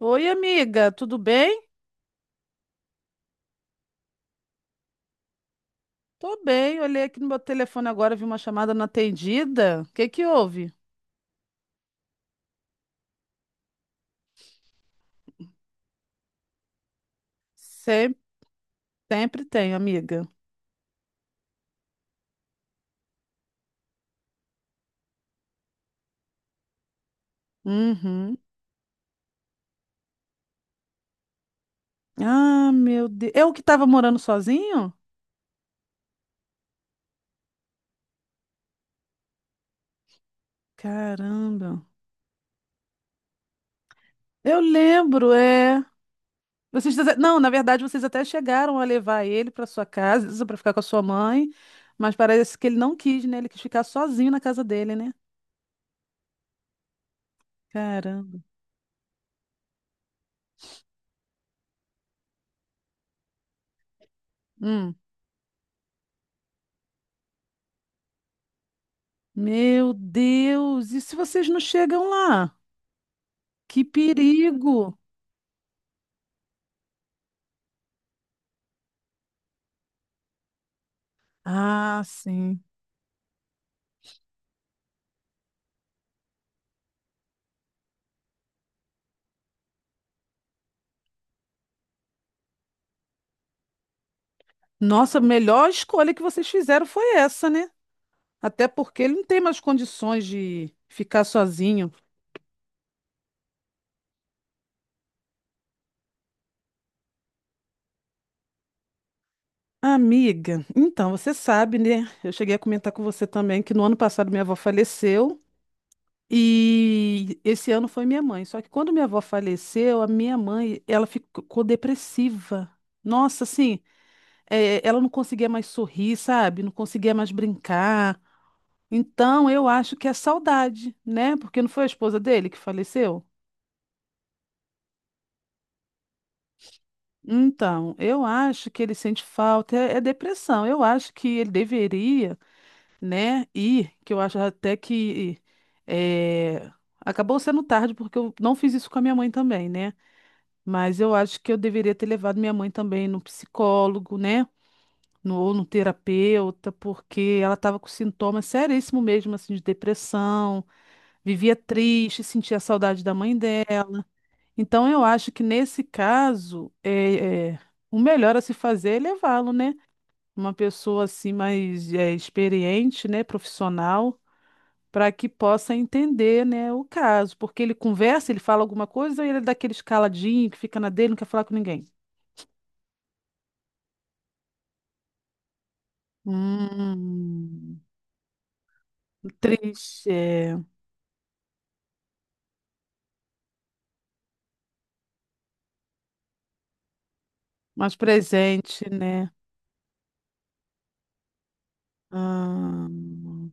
Oi, amiga, tudo bem? Tô bem, olhei aqui no meu telefone agora, vi uma chamada não atendida. O que que houve? Sempre, sempre tenho, amiga. Uhum. Ah, meu Deus. Eu que tava morando sozinho? Caramba. Eu lembro, é. Não, na verdade, vocês até chegaram a levar ele pra sua casa, pra ficar com a sua mãe, mas parece que ele não quis, né? Ele quis ficar sozinho na casa dele, né? Caramba. Hum. Meu Deus, e se vocês não chegam lá? Que perigo! Ah, sim. Nossa, a melhor escolha que vocês fizeram foi essa, né? Até porque ele não tem mais condições de ficar sozinho. Amiga, então você sabe, né? Eu cheguei a comentar com você também que no ano passado minha avó faleceu e esse ano foi minha mãe. Só que quando minha avó faleceu, a minha mãe, ela ficou depressiva. Nossa, assim, ela não conseguia mais sorrir, sabe? Não conseguia mais brincar. Então, eu acho que é saudade, né? Porque não foi a esposa dele que faleceu? Então, eu acho que ele sente falta, é depressão. Eu acho que ele deveria, né, ir, que eu acho até que eh, acabou sendo tarde, porque eu não fiz isso com a minha mãe também, né? Mas eu acho que eu deveria ter levado minha mãe também no psicólogo, né? No, ou no terapeuta, porque ela estava com sintomas seríssimos mesmo, assim, de depressão, vivia triste, sentia saudade da mãe dela. Então, eu acho que nesse caso, o melhor a se fazer é levá-lo, né? Uma pessoa assim mais experiente, né? Profissional, para que possa entender, né, o caso. Porque ele conversa, ele fala alguma coisa, ou ele é daquele escaladinho que fica na dele, não quer falar com ninguém. Hum, triste, é. Mais presente, né? Hum.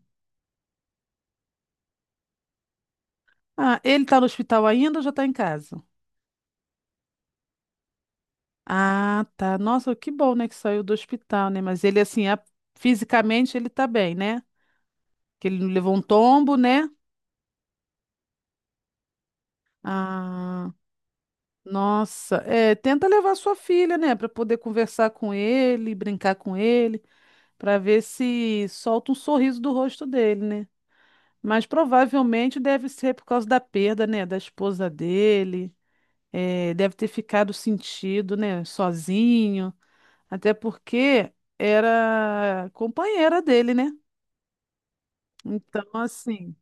Ah, ele está no hospital ainda ou já está em casa? Ah, tá. Nossa, que bom, né, que saiu do hospital, né? Mas ele, assim, fisicamente ele tá bem, né? Que ele não levou um tombo, né? Ah, nossa. É, tenta levar sua filha, né, pra poder conversar com ele, brincar com ele, pra ver se solta um sorriso do rosto dele, né? Mas provavelmente deve ser por causa da perda, né, da esposa dele. É, deve ter ficado sentido, né, sozinho. Até porque era companheira dele, né? Então, assim,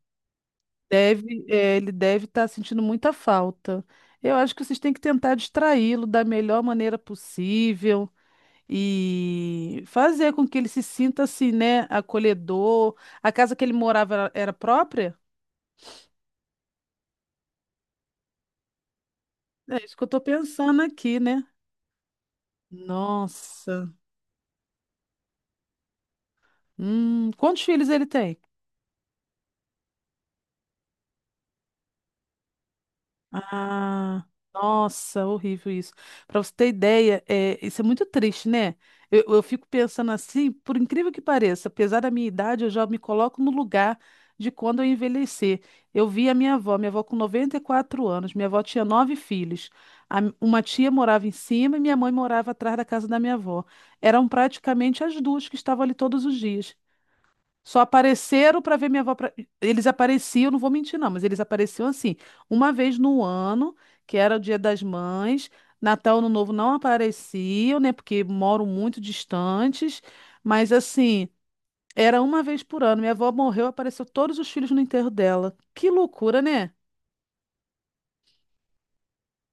ele deve estar sentindo muita falta. Eu acho que vocês têm que tentar distraí-lo da melhor maneira possível e fazer com que ele se sinta assim, né, acolhedor. A casa que ele morava era própria? É isso que eu tô pensando aqui, né? Nossa. Quantos filhos ele tem? Ah, nossa, horrível isso. Para você ter ideia, isso é muito triste, né? Eu fico pensando assim, por incrível que pareça, apesar da minha idade, eu já me coloco no lugar de quando eu envelhecer. Eu vi a minha avó com 94 anos, minha avó tinha nove filhos. Uma tia morava em cima e minha mãe morava atrás da casa da minha avó. Eram praticamente as duas que estavam ali todos os dias. Só apareceram para ver minha avó. Eles apareciam, não vou mentir, não, mas eles apareciam assim, uma vez no ano, que era o Dia das Mães. Natal, Ano Novo não apareciam, né? Porque moram muito distantes. Mas assim, era uma vez por ano. Minha avó morreu, apareceu todos os filhos no enterro dela. Que loucura, né?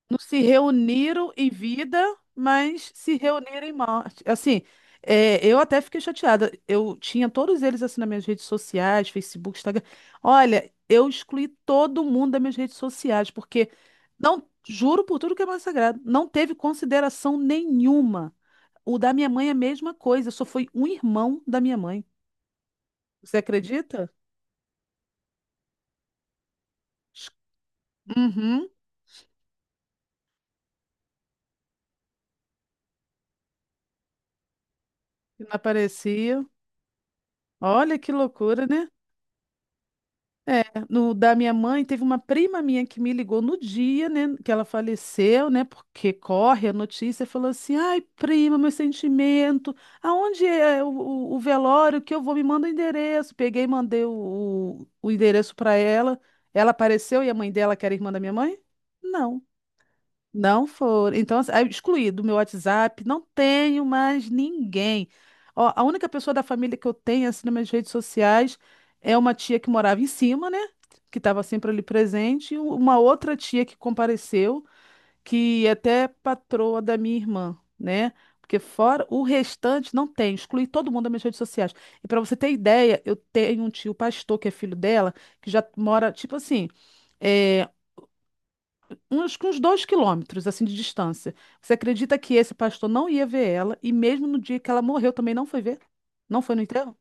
Não se reuniram em vida, mas se reuniram em morte. Assim, eu até fiquei chateada. Eu tinha todos eles assim nas minhas redes sociais, Facebook, Instagram. Olha, eu excluí todo mundo das minhas redes sociais, porque não, juro por tudo que é mais sagrado, não teve consideração nenhuma. O da minha mãe é a mesma coisa, só foi um irmão da minha mãe. Você acredita? Uhum, que não aparecia. Olha que loucura, né? É, no da minha mãe, teve uma prima minha que me ligou no dia, né, que ela faleceu, né, porque corre a notícia, falou assim, ai, prima, meu sentimento, aonde é o velório que eu vou, me manda o endereço. Peguei e mandei o endereço para ela, ela apareceu e a mãe dela, que era irmã da minha mãe? Não. Não foram. Então, assim, aí eu excluí do meu WhatsApp, não tenho mais ninguém. Ó, a única pessoa da família que eu tenho, assim, nas minhas redes sociais é uma tia que morava em cima, né? Que estava sempre ali presente, e uma outra tia que compareceu, que é até patroa da minha irmã, né? Porque fora o restante não tem, excluí todo mundo das minhas redes sociais. E para você ter ideia, eu tenho um tio pastor que é filho dela, que já mora, tipo assim. eh, uns 2 quilômetros assim de distância. Você acredita que esse pastor não ia ver ela e mesmo no dia que ela morreu também não foi ver? Não foi no enterro?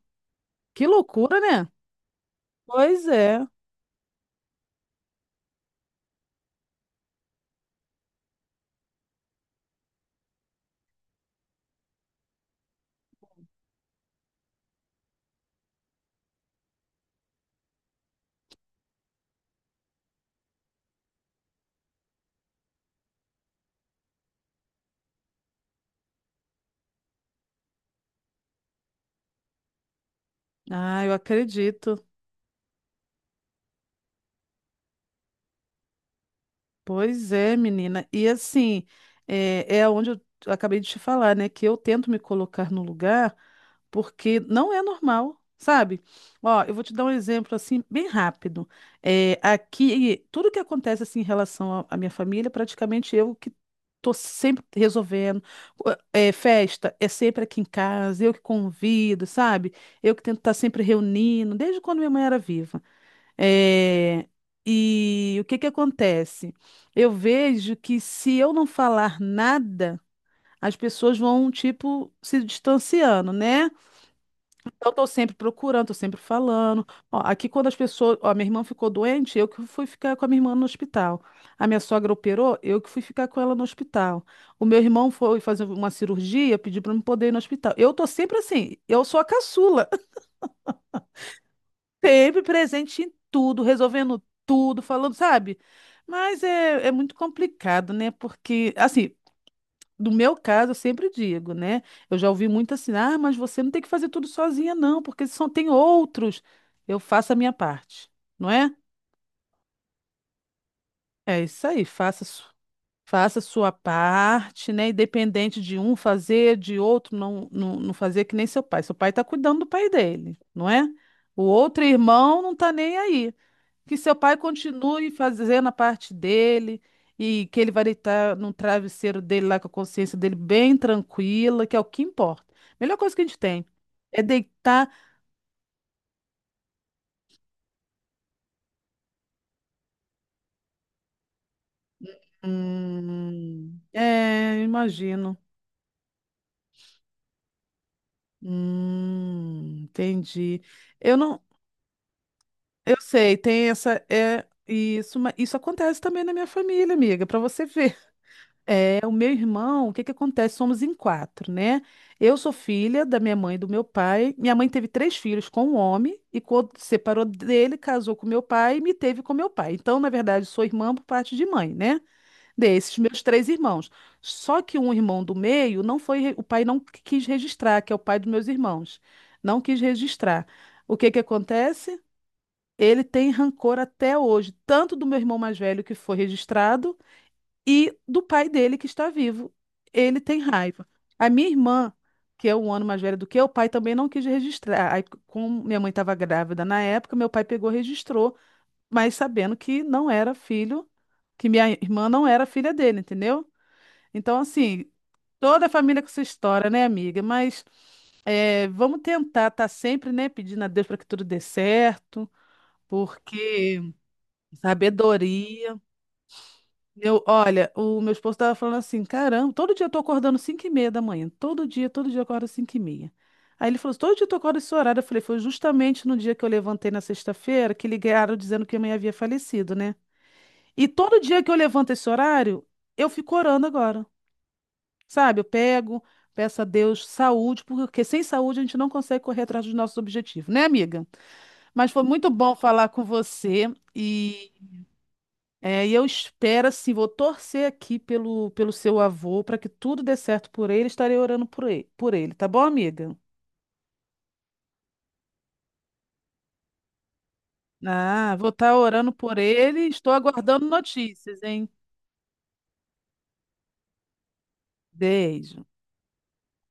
Que loucura, né? Pois é. Ah, eu acredito. Pois é, menina. E assim, é onde eu acabei de te falar, né? Que eu tento me colocar no lugar porque não é normal, sabe? Ó, eu vou te dar um exemplo assim, bem rápido. É, aqui, tudo que acontece assim em relação à minha família, praticamente eu que tô sempre resolvendo. Ó, é, festa é sempre aqui em casa, eu que convido, sabe? Eu que tento estar sempre reunindo, desde quando minha mãe era viva. É, e o que que acontece? Eu vejo que se eu não falar nada, as pessoas vão, tipo, se distanciando, né? Então, eu tô sempre procurando, tô sempre falando. Ó, aqui, quando as pessoas. Ó, minha irmã ficou doente, eu que fui ficar com a minha irmã no hospital. A minha sogra operou, eu que fui ficar com ela no hospital. O meu irmão foi fazer uma cirurgia, pediu pra eu não poder ir no hospital. Eu tô sempre assim, eu sou a caçula. Sempre presente em tudo, resolvendo tudo, falando, sabe? Mas é muito complicado, né? Porque, assim, no meu caso, eu sempre digo, né? Eu já ouvi muito assim, ah, mas você não tem que fazer tudo sozinha, não, porque só tem outros. Eu faço a minha parte, não é? É isso aí, faça sua parte, né? Independente de um fazer, de outro não, não, não fazer que nem seu pai. Seu pai está cuidando do pai dele, não é? O outro irmão não está nem aí. Que seu pai continue fazendo a parte dele e que ele vai deitar no travesseiro dele lá com a consciência dele bem tranquila, que é o que importa. Melhor coisa que a gente tem é deitar. É, imagino. Entendi. Eu não, eu sei, tem essa é isso, mas isso acontece também na minha família, amiga, para você ver. É, o meu irmão, o que que acontece? Somos em quatro, né? Eu sou filha da minha mãe e do meu pai. Minha mãe teve três filhos com um homem e quando separou dele, casou com meu pai e me teve com meu pai. Então, na verdade, sou irmã por parte de mãe, né? Desses meus três irmãos. Só que um irmão do meio não foi, re- o pai não qu- quis registrar, que é o pai dos meus irmãos. Não quis registrar. O que que acontece? Ele tem rancor até hoje, tanto do meu irmão mais velho que foi registrado e do pai dele que está vivo. Ele tem raiva. A minha irmã, que é 1 ano mais velha do que eu, o pai também não quis registrar. Aí, como minha mãe estava grávida na época, meu pai pegou e registrou, mas sabendo que não era filho, que minha irmã não era filha dele, entendeu? Então, assim, toda a família com sua história, né, amiga? Mas vamos tentar estar sempre, né, pedindo a Deus para que tudo dê certo, porque sabedoria eu, olha, o meu esposo estava falando assim, caramba, todo dia eu tô acordando 5:30 da manhã, todo dia eu acordo 5 e meia. Aí ele falou assim, todo dia tu acorda esse horário. Eu falei, foi justamente no dia que eu levantei na sexta-feira que ligaram dizendo que a mãe havia falecido, né? E todo dia que eu levanto esse horário, eu fico orando agora, sabe? Eu pego, peço a Deus saúde, porque sem saúde a gente não consegue correr atrás dos nossos objetivos, né, amiga? Mas foi muito bom falar com você e eu espero, assim, vou torcer aqui pelo seu avô para que tudo dê certo por ele. Estarei orando por ele, tá bom, amiga? Ah, vou estar orando por ele. Estou aguardando notícias, hein? Beijo.